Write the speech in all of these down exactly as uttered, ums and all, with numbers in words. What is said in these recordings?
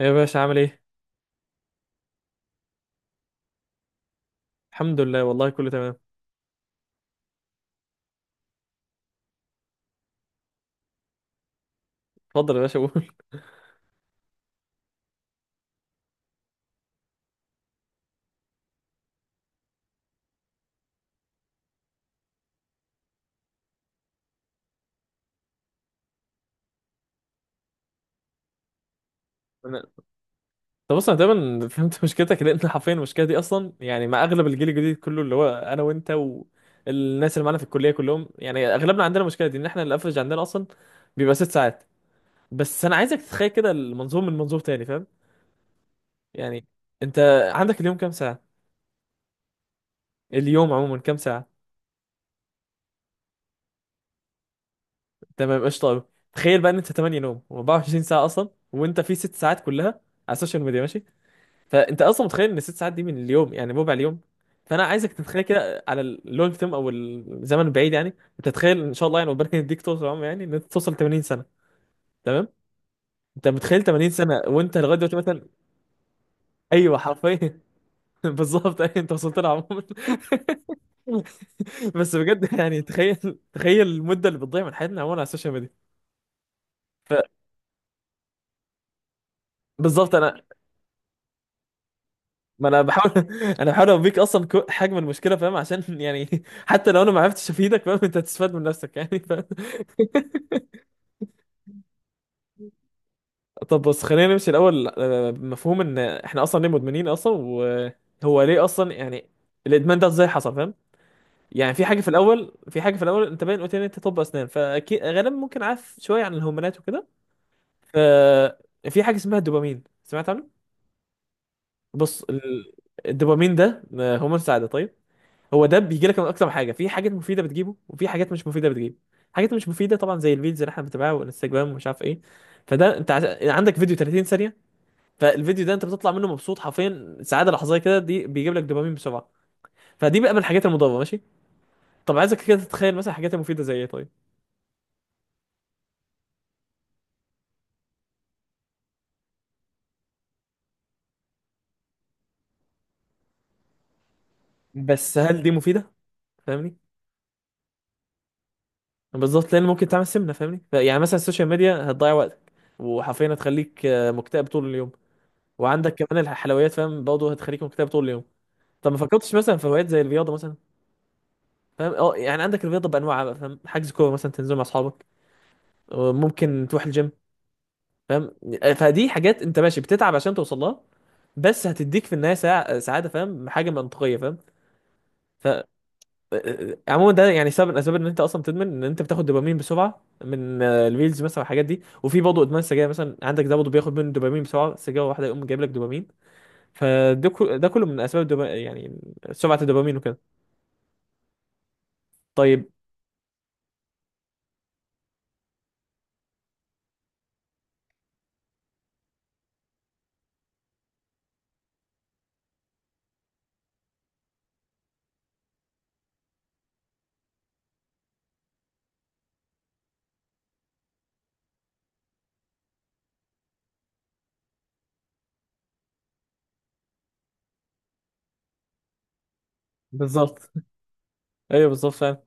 يا باشا عامل ايه؟ الحمد لله والله كله تمام. اتفضل يا باشا قول انا طب بص، انا تقريبا فهمت مشكلتك لان حرفيا المشكله دي اصلا، يعني مع اغلب الجيل الجديد كله اللي هو انا وانت، والناس اللي معانا في الكليه كلهم، يعني اغلبنا عندنا المشكله دي، ان احنا الافرج عندنا اصلا بيبقى ست ساعات. بس انا عايزك تتخيل كده المنظور من منظور تاني، فاهم؟ يعني انت عندك اليوم كام ساعه؟ اليوم عموما كام ساعه؟ تمام قشطه قوي. تخيل بقى ان انت تمانيه نوم و24 ساعه اصلا، وانت في ست ساعات كلها على السوشيال ميديا، ماشي؟ فانت اصلا متخيل ان ست ساعات دي من اليوم يعني ربع اليوم. فانا عايزك تتخيل كده على اللونج تيرم او الزمن البعيد، يعني انت تتخيل ان شاء الله، يعني ربنا يديك طول العمر، يعني ان انت توصل تمانين سنه. تمام. انت متخيل تمانين سنه وانت لغايه دلوقتي مثلا؟ ايوه حرفيا بالظبط، أيوة، انت وصلت لها عموما بس بجد، يعني تخيل. تخيل المده اللي بتضيع من حياتنا عموما على السوشيال ميديا. فبالظبط انا، ما انا بحاول انا بحاول اوريك اصلا كو- حجم المشكله، فاهم؟ عشان يعني حتى لو انا ما عرفتش افيدك، فاهم، انت هتستفاد من نفسك يعني، فاهم. طب بص خلينا نمشي الاول، آه، بمفهوم ان احنا اصلا ليه مدمنين اصلا، وهو ليه اصلا، يعني الادمان ده ازاي حصل، فاهم؟ يعني في حاجه في الاول، في حاجه في الاول انت باين قلت لي إن انت طب اسنان، فاكيد غالبا ممكن عارف شويه عن الهرمونات وكده. ففي حاجه اسمها الدوبامين، سمعت عنه؟ بص، ال- الدوبامين ده، آه، هرمون السعاده، طيب. هو ده بيجي لك من اكتر من حاجه، في حاجات مفيده بتجيبه وفي حاجات مش مفيده بتجيبه. حاجات مش مفيده طبعا زي الفيديوز اللي احنا بنتابعها والانستجرام ومش عارف ايه. فده انت عز- عندك فيديو تلاتين ثانيه، فالفيديو ده انت بتطلع منه مبسوط، حرفيا سعاده لحظيه كده، دي بيجيب لك دوبامين بسرعه. فدي بقى من الحاجات المضره، ماشي؟ طب عايزك كده تتخيل مثلا الحاجات المفيده زي ايه، طيب. بس هل دي مفيده؟ فاهمني؟ بالظبط، لان ممكن تعمل سمنه، فاهمني؟ ف- يعني مثلا السوشيال ميديا هتضيع وقتك، وحرفيا هتخليك آه، مكتئب طول اليوم. وعندك كمان الحلويات، فاهم؟ برضه هتخليك مكتئب طول اليوم. طب ما فكرتش مثلا في هوايات زي الرياضه مثلا؟ فاهم، اه، يعني عندك الرياضه بانواعها بقى، فاهم؟ حجز كوره مثلا تنزل مع اصحابك، وممكن تروح الجيم، فاهم؟ فدي حاجات انت ماشي بتتعب عشان توصل لها، بس هتديك في النهايه سع- سعاده، فاهم؟ حاجه منطقيه، فاهم؟ ف آه، آه، عموما ده يعني سبب من الاسباب ان انت اصلا بتدمن، ان انت بتاخد دوبامين بسرعه من، آه، الريلز مثلا والحاجات دي، وفي برضه ادمان السجاير مثلا عندك، ده برضه بياخد منه دوبامين بسرعه، سجاره واحده يقوم جايب لك دوبامين. فده كل- ده كله من اسباب الدوبا... يعني سرعه الدوبامين وكده. طيب. بالظبط، ايوه بالظبط فعلا.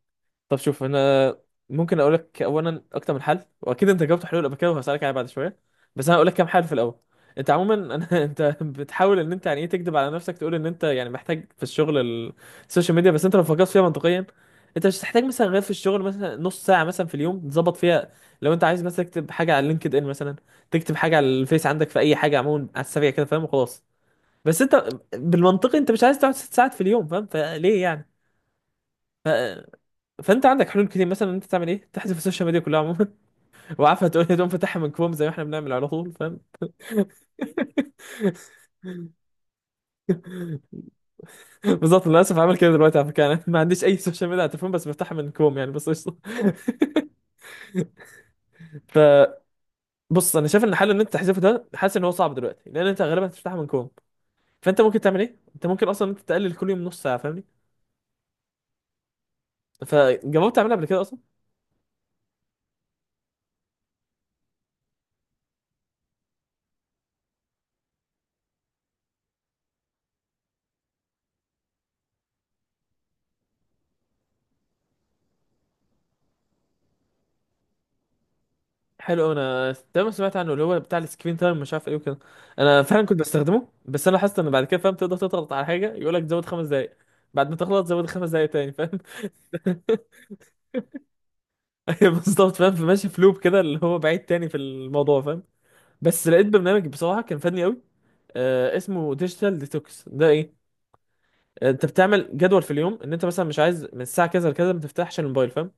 طب شوف، انا ممكن اقول لك اولا اكتر من حل، واكيد انت جاوبت حلول قبل كده، وهسالك عليها بعد شويه. بس انا هقول لك كام حل في الاول. انت عموما، انا انت بتحاول ان انت يعني ايه، تكذب على نفسك، تقول ان انت يعني محتاج في الشغل ال- السوشيال ميديا، بس انت لو فكرت فيها منطقيا، انت مش هتحتاج مثلا غير في الشغل مثلا نص ساعه مثلا في اليوم، تظبط فيها. لو انت عايز مثلا تكتب حاجه على لينكد ان مثلا، تكتب حاجه على الفيس، عندك في اي حاجه عموما على السريع كده، فاهم؟ وخلاص. بس انت بالمنطقي انت مش عايز تقعد ست ساعات في اليوم، فاهم؟ فليه يعني؟ فانت عندك حلول كتير، مثلا انت تعمل ايه، تحذف السوشيال ميديا كلها عموما وعارفه تقول لي، تقوم فاتحها من كروم زي ما احنا بنعمل على طول، فاهم؟ بالظبط، للاسف عامل كده دلوقتي، على فكره انا ما عنديش اي سوشيال ميديا على التليفون، بس بفتحها من كروم يعني، بس قشطه فبص، انا شايف ان الحل ان انت تحذفه، ده حاسس ان هو صعب دلوقتي لان انت غالبا هتفتحها من كروم. فانت ممكن تعمل ايه، انت ممكن اصلا انت تقلل كل يوم نص ساعه، فاهمني؟ فجربت تعملها قبل كده؟ حلو، انا دايما سمعت عنه اللي هو بتاع السكرين تايم مش عارف ايه وكده. انا فعلا كنت بستخدمه، بس انا حاسس ان بعد كده، فاهم، تقدر تضغط على حاجه يقول لك زود خمس دقائق. بعد ما تغلط زود خمس دقائق تاني، فاهم؟ ايوه بالظبط فاهم، فماشي في لوب كده اللي هو بعيد تاني في الموضوع، فاهم؟ بس لقيت برنامج بصراحه كان فادني قوي. آه، اسمه ديجيتال ديتوكس ده ايه، آه، انت بتعمل جدول في اليوم، ان انت مثلا مش عايز من الساعه كذا لكذا ما تفتحش الموبايل، فاهم؟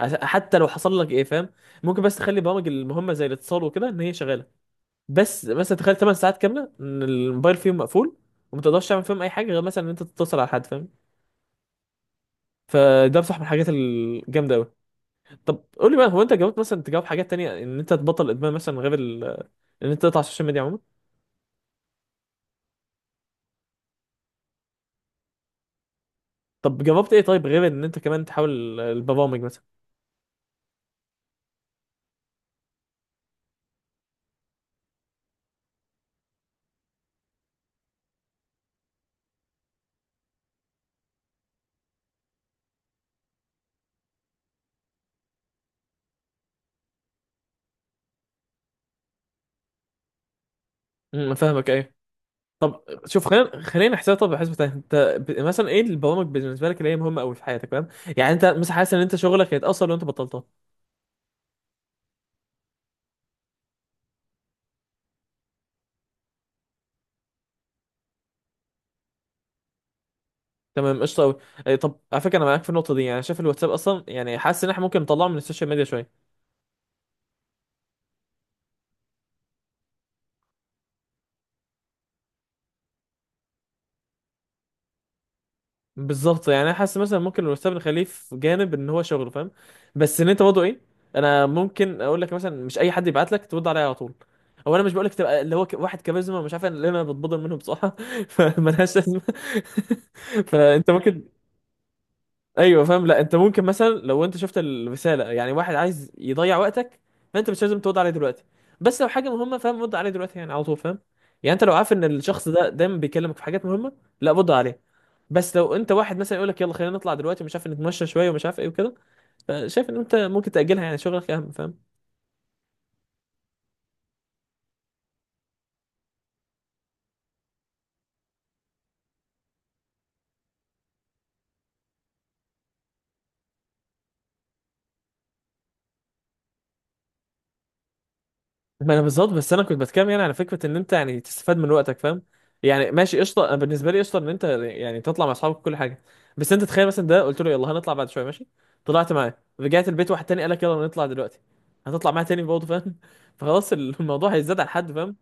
عشان- حتى لو حصل لك ايه، فاهم، ممكن بس تخلي برامج المهمه زي الاتصال وكده ان هي شغاله. بس مثلا تخيل تماني ساعات كامله ان الموبايل فيهم مقفول، وما تقدرش تعمل فيهم اي حاجه غير مثلا ان انت تتصل على حد، فاهم؟ فده بصح من الحاجات الجامده قوي. طب قول لي بقى، هو انت جربت مثلا تجاوب حاجات تانية ان انت تبطل ادمان مثلا غير ال... ان انت تقطع السوشيال ميديا عموما؟ طب جربت ايه طيب، غير ان انت كمان تحاول البرامج مثلا؟ امم فاهمك، ايه. شوف خلينا، خلينا نحسبها، طب بحسبه تاني، انت ب... مثلا ايه البرامج بالنسبه لك اللي هي مهمه قوي في حياتك، فاهم؟ يعني انت مثلا حاسس ان انت شغلك هيتاثر لو انت بطلتها؟ تمام قشطة أوي. إيه، طب على فكرة، أنا معاك في النقطة دي، يعني شايف الواتساب أصلا، يعني حاسس إن إحنا ممكن نطلعه من السوشيال ميديا شوية. بالظبط، يعني أنا حاسس مثلا ممكن الواتساب نخليه في جانب إن هو شغله، فاهم؟ بس إن أنت برضه إيه، أنا ممكن أقول لك مثلا مش أي حد يبعت لك ترد عليه على طول. هو أنا مش بقول لك تبقى اللي هو ك- واحد كاريزما مش عارف، أنا اللي أنا بتبضل منه بصراحة فملهاش لازمة فأنت ممكن، ايوه فاهم، لا انت ممكن مثلا لو انت شفت الرساله، يعني واحد عايز يضيع وقتك، فانت مش لازم ترد عليه دلوقتي. بس لو حاجه مهمه، فاهم، رد عليه دلوقتي يعني على طول، فاهم؟ يعني انت لو عارف ان الشخص ده دايما بيكلمك في حاجات مهمه، لا رد عليه. بس لو انت واحد مثلا يقول لك يلا خلينا نطلع دلوقتي، مش عارف نتمشى شويه ومش عارف ايه وكده، فشايف ان انت ممكن تاجلها، يعني شغلك اهم، فاهم؟ ما انا بالظبط، بس انا كنت بتكلم يعني على فكره ان انت يعني تستفاد من وقتك، فاهم؟ يعني ماشي قشطه، انا بالنسبه لي قشطه ان انت يعني تطلع مع اصحابك كل حاجه. بس انت تخيل مثلا ده قلت له يلا هنطلع بعد شويه، ماشي، طلعت معاه، رجعت البيت واحد تاني قال لك يلا نطلع دلوقتي، هتطلع معاه تاني برضه، فاهم؟ فخلاص الموضوع هيزداد على حد، فاهم؟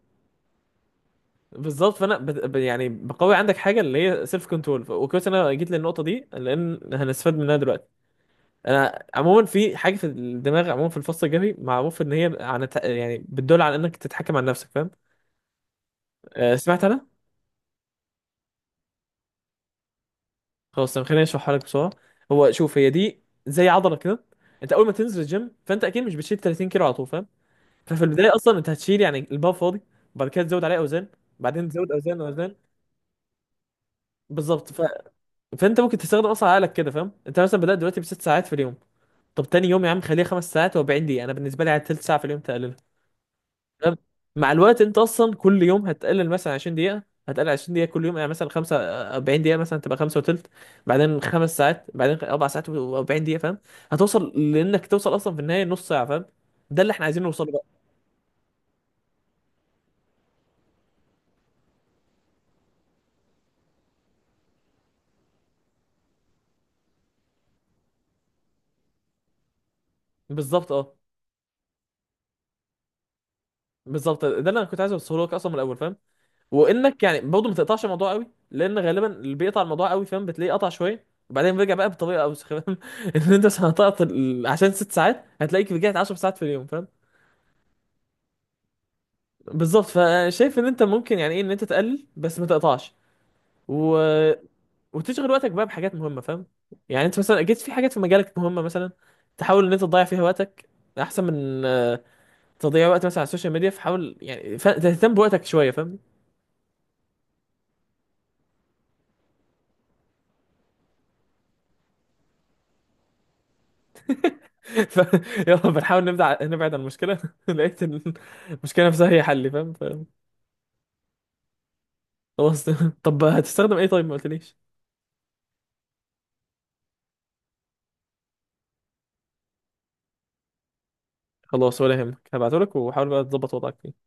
بالظبط، فانا بت... ب- يعني بقوي عندك حاجه اللي هي سيلف كنترول، وكويس إن انا جيت للنقطه دي لان هنستفاد منها دلوقتي. انا عموما، في حاجه في الدماغ عموما في الفص الجبهي، معروف ان هي عن الت- يعني بتدل على انك تتحكم عن نفسك، فاهم؟ آه، سمعت انا. خلاص طب خليني اشرحها لك بسرعه. هو شوف، هي دي زي عضله كده. انت اول ما تنزل الجيم، فانت اكيد مش بتشيل تلاتين كيلو على طول، فاهم؟ ففي البدايه اصلا انت هتشيل يعني البار فاضي، بعد كده تزود عليه اوزان، بعدين تزود اوزان واوزان. بالظبط ف... فانت ممكن تستخدم اصلا عقلك كده، فاهم؟ انت مثلا بدات دلوقتي بست ساعات في اليوم، طب تاني يوم يا عم خليها خمس ساعات و40 دقيقه، انا بالنسبه لي على تلت ساعه في اليوم، تقللها. تمام؟ مع الوقت انت اصلا كل يوم هتقلل مثلا عشرين دقيقه، هتقلل عشرين دقيقه كل يوم، يعني مثلا خمسه واربعين دقيقه، مثلا تبقى خمس وثلث، بعدين خمس ساعات، بعدين اربع ساعات و40 دقيقه، فاهم؟ هتوصل لانك توصل اصلا في النهايه نص ساعه، فاهم؟ ده اللي احنا عايزين نوصله بقى. بالظبط، اه بالظبط، ده اللي انا كنت عايز اوصله لك اصلا من الاول، فاهم؟ وانك يعني برضه ما تقطعش الموضوع قوي، لان غالبا اللي بيقطع الموضوع قوي، فاهم، بتلاقيه قطع شويه وبعدين بيرجع بقى بطريقه اوسخ، فاهم؟ ان انت عشان هتقطع عشان ست ساعات، هتلاقيك رجعت عشر ساعات في اليوم، فاهم؟ بالظبط، فشايف ان انت ممكن يعني ايه ان انت تقلل بس ما تقطعش، و... وتشغل وقتك بقى بحاجات مهمه، فاهم؟ يعني انت مثلا اكيد في حاجات في مجالك مهمه مثلا، تحاول ان انت تضيع فيها وقتك احسن من، آه، تضيع وقت مثلا على السوشيال ميديا، فحاول يعني ف... تهتم بوقتك شويه، فاهم؟ ف... يلا بنحاول نبدع نبعد عن المشكله لقيت ال- المشكله نفسها هي حل، فاهم؟ ف... خلاص طب هتستخدم ايه طيب، ما قلتليش. خلاص ولا يهمك، هبعتهولك وحاول بقى تظبط وضعك فيه.